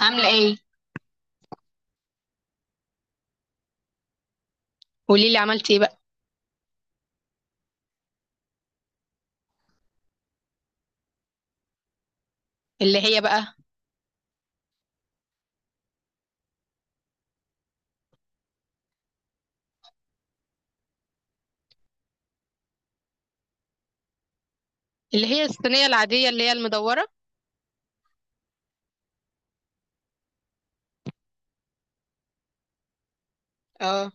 عاملة ايه؟ قولي لي عملتي ايه بقى. اللي هي بقى؟ اللي هي الصينيه العاديه اللي هي المدوره؟ اه.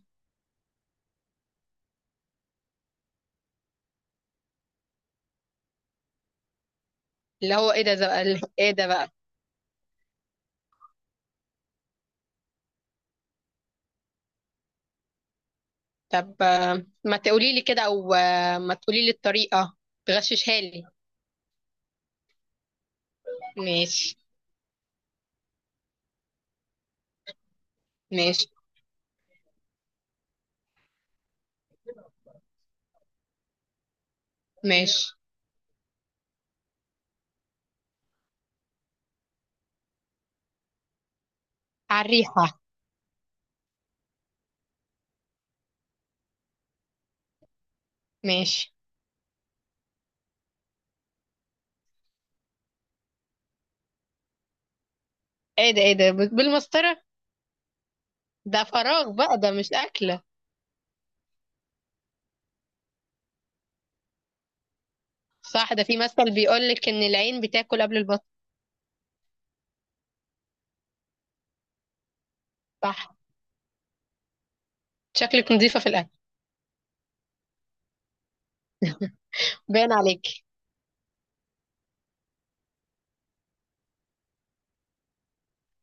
اللي هو ايه ده ايه ده بقى؟ طب ما تقولي لي كده، او ما تقولي لي الطريقه، تغششها لي. ماشي. ماشي. ماشي. على الريحه. ماشي. ايه ده، ايه ده بالمسطره؟ ده فراغ بقى، ده مش اكله. صح، ده في مثل بيقول لك ان العين بتاكل قبل البطن. صح. شكلك نظيفه في الاكل. باين عليك.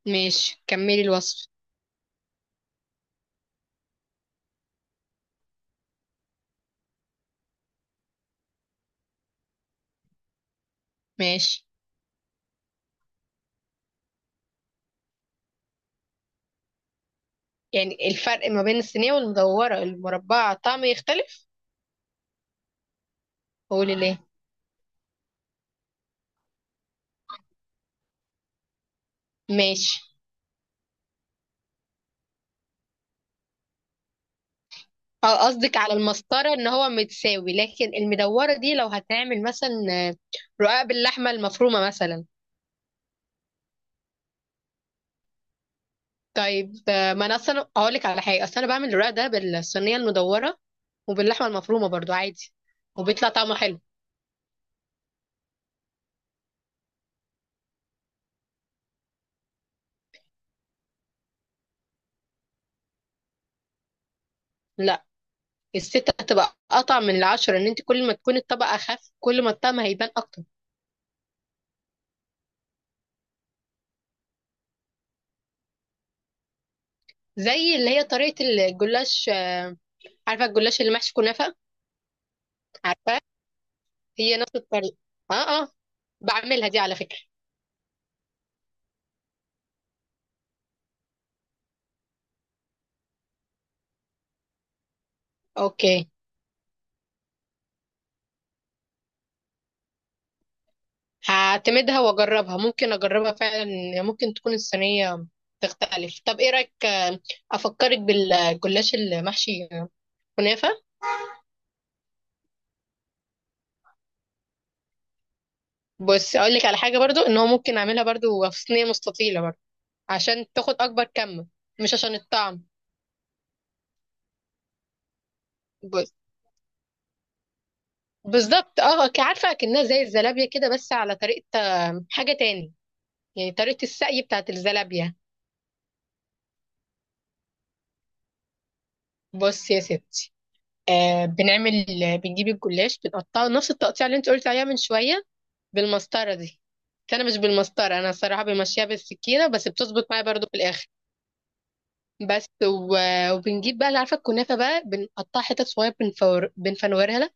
ماشي، كملي الوصف. ماشي. يعني الفرق ما بين الصينية والمدورة المربعة طعمه يختلف؟ قولي ليه. ماشي. اه، قصدك على المسطرة ان هو متساوي، لكن المدورة دي لو هتعمل مثلا رقاق باللحمة المفرومة مثلا. طيب ما انا اصلا اقولك على حاجة، اصلا انا بعمل الرقاق ده بالصينية المدورة وباللحمة المفرومة برضو عادي، وبيطلع طعمه حلو. لا، الستة هتبقى قطع من العشرة، ان انت كل ما تكون الطبقة اخف كل ما الطعم هيبان اكتر. زي اللي هي طريقة الجلاش، عارفة الجلاش اللي محشي كنافة؟ عارفة؟ هي نفس الطريقة. اه. اه. بعملها دي على فكرة. اوكي، هعتمدها واجربها، ممكن اجربها فعلا. ممكن تكون الصينية تختلف. طب ايه رأيك افكرك بالجلاش المحشي كنافة؟ بس اقول لك على حاجة برضو، ان هو ممكن اعملها برضو في صينية مستطيلة برضو، عشان تاخد اكبر كم، مش عشان الطعم. بس. بالظبط. اه عارفة اكنها زي الزلابية كده، بس على طريقة حاجة تاني، يعني طريقة السقي بتاعت الزلابية. بص يا ستي، آه بنعمل بنجيب الجلاش بنقطعه نفس التقطيع اللي انت قلت عليها من شوية، بالمسطرة دي. بس انا مش بالمسطرة، انا الصراحة بمشيها بالسكينة، بس بتظبط معايا برضو في الاخر. بس و... وبنجيب بقى، اللي عارفة الكنافة بقى، بنقطعها حتت صغيرة، بنفنورها لها.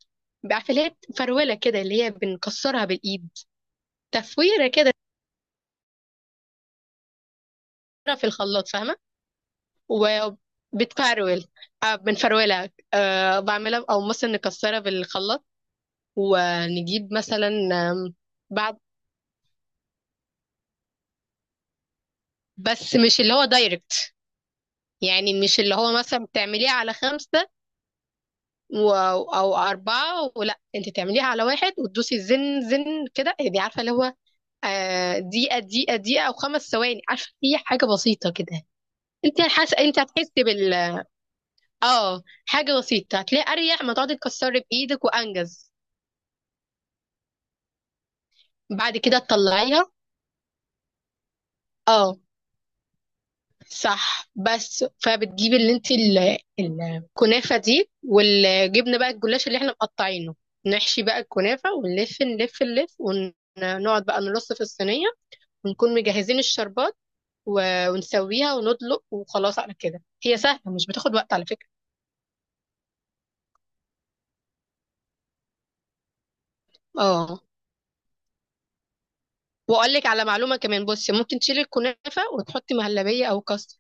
عارفة اللي هي فرولة كده، اللي هي بنكسرها بالايد. تفويرة كده. في الخلاط، فاهمة؟ وبتفرول. بنفرولها، بعملها، او مثلا نكسرها بالخلاط، ونجيب مثلا. آم، بعد، بس مش اللي هو دايركت. يعني مش اللي هو مثلا بتعمليها على خمسة و... أو أربعة، ولا أنت تعمليها على واحد وتدوسي زن زن كده، دي عارفة اللي هو دقيقة دقيقة دقيقة، أو خمس ثواني، عارفة هي حاجة بسيطة كده. أنت هتحسي آه حاجة بسيطة، هتلاقي أريح ما تقعدي تكسري بإيدك، وأنجز. بعد كده تطلعيها. اه. صح. بس فبتجيب اللي انت الكنافه دي، والجبنه بقى، الجلاش اللي احنا مقطعينه، نحشي بقى الكنافه ونلف نلف نلف، ونقعد بقى نرص في الصينيه، ونكون مجهزين الشربات، ونسويها وندلق، وخلاص على كده. هي سهله مش بتاخد وقت على فكره. اه. واقول لك على معلومه كمان، بصي ممكن تشيلي الكنافه وتحطي مهلبيه او كاستر.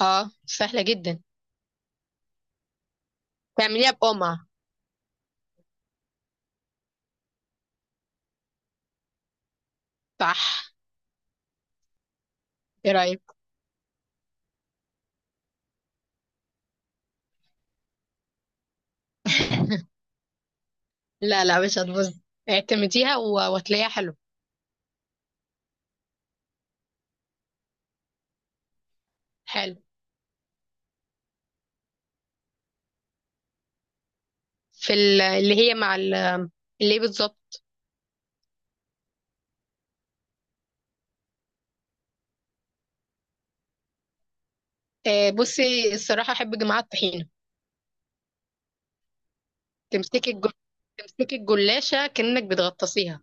اه سهله جدا. تعمليها بقمع. صح. ايه رايك؟ لا لا، مش هتبوظ. وهتلاقيها حلو. حلو. في اللي هي مع اللي هي بالظبط. بصي الصراحة أحب جماعة الطحينة. تمسكي الجل... تمسكي الجلاشة كأنك بتغطسيها.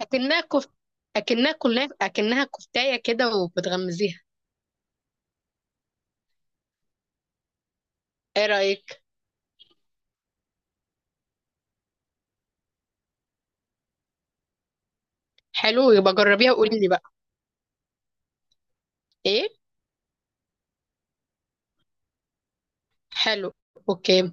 أكنها كفت أكنها كفتاية كده وبتغمزيها. إيه رأيك؟ حلو يبقى جربيها وقولي لي بقى. إيه؟ حلو. أوكي.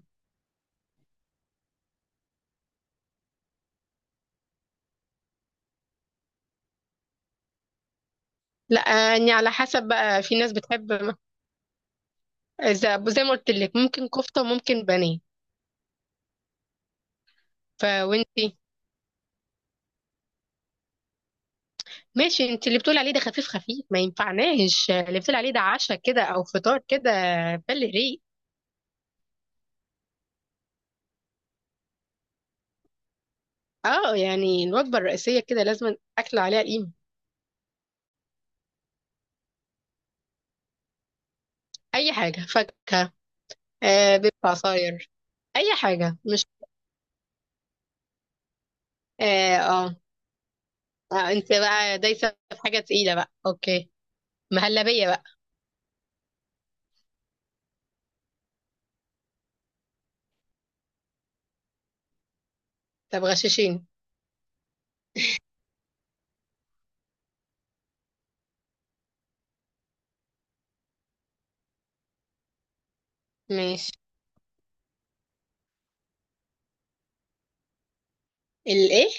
لا. يعني على حسب بقى، في ناس بتحب إذا زي ما قلت لك، ممكن كفتة وممكن بانيه. فوانتي؟ ماشي، انت اللي بتقول عليه ده خفيف خفيف، ما ينفعناش اللي بتقول عليه ده عشاء كده او فطار كده، بل ريق. اه يعني الوجبه الرئيسيه كده لازم اكل عليها قيمه. اي حاجه، فاكهه، بيض، عصاير، اي حاجه مش. اه, آه, آه انت بقى دايسه في حاجه تقيله بقى. اوكي، مهلبيه بقى. طب غشاشين. ماشي. الايه؟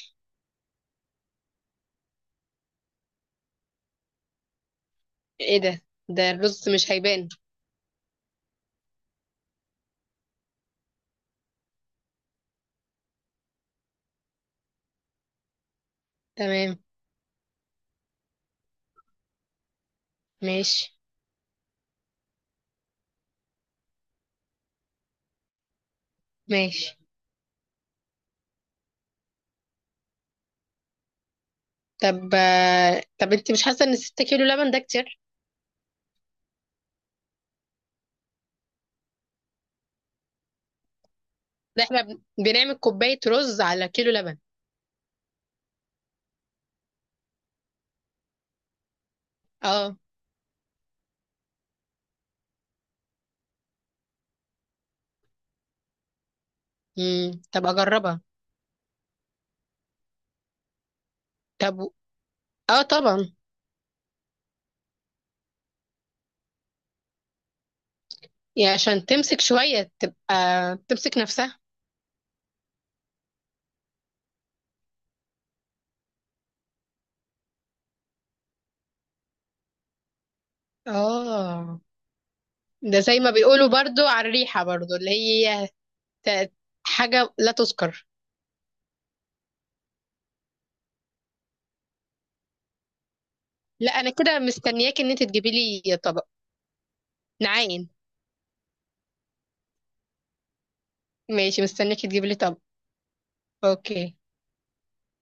ايه، إيه ده، ده الرز مش هيبان. تمام. ماشي. ماشي. طب طب انت مش حاسه ان 6 كيلو لبن ده كتير؟ ده احنا بنعمل كوباية رز على كيلو لبن. اه. امم، طب اجربها. طب و- اه طبعا. يعني عشان تمسك شوية، تبقى تمسك نفسها. اه، ده زي ما بيقولوا برضو، على الريحة برضو، اللي هي ت- حاجة لا تذكر. لا، انا كده مستنياك ان انت تجيبي لي طبق، نعاين. ماشي، مستنياك تجيبي لي طبق. اوكي.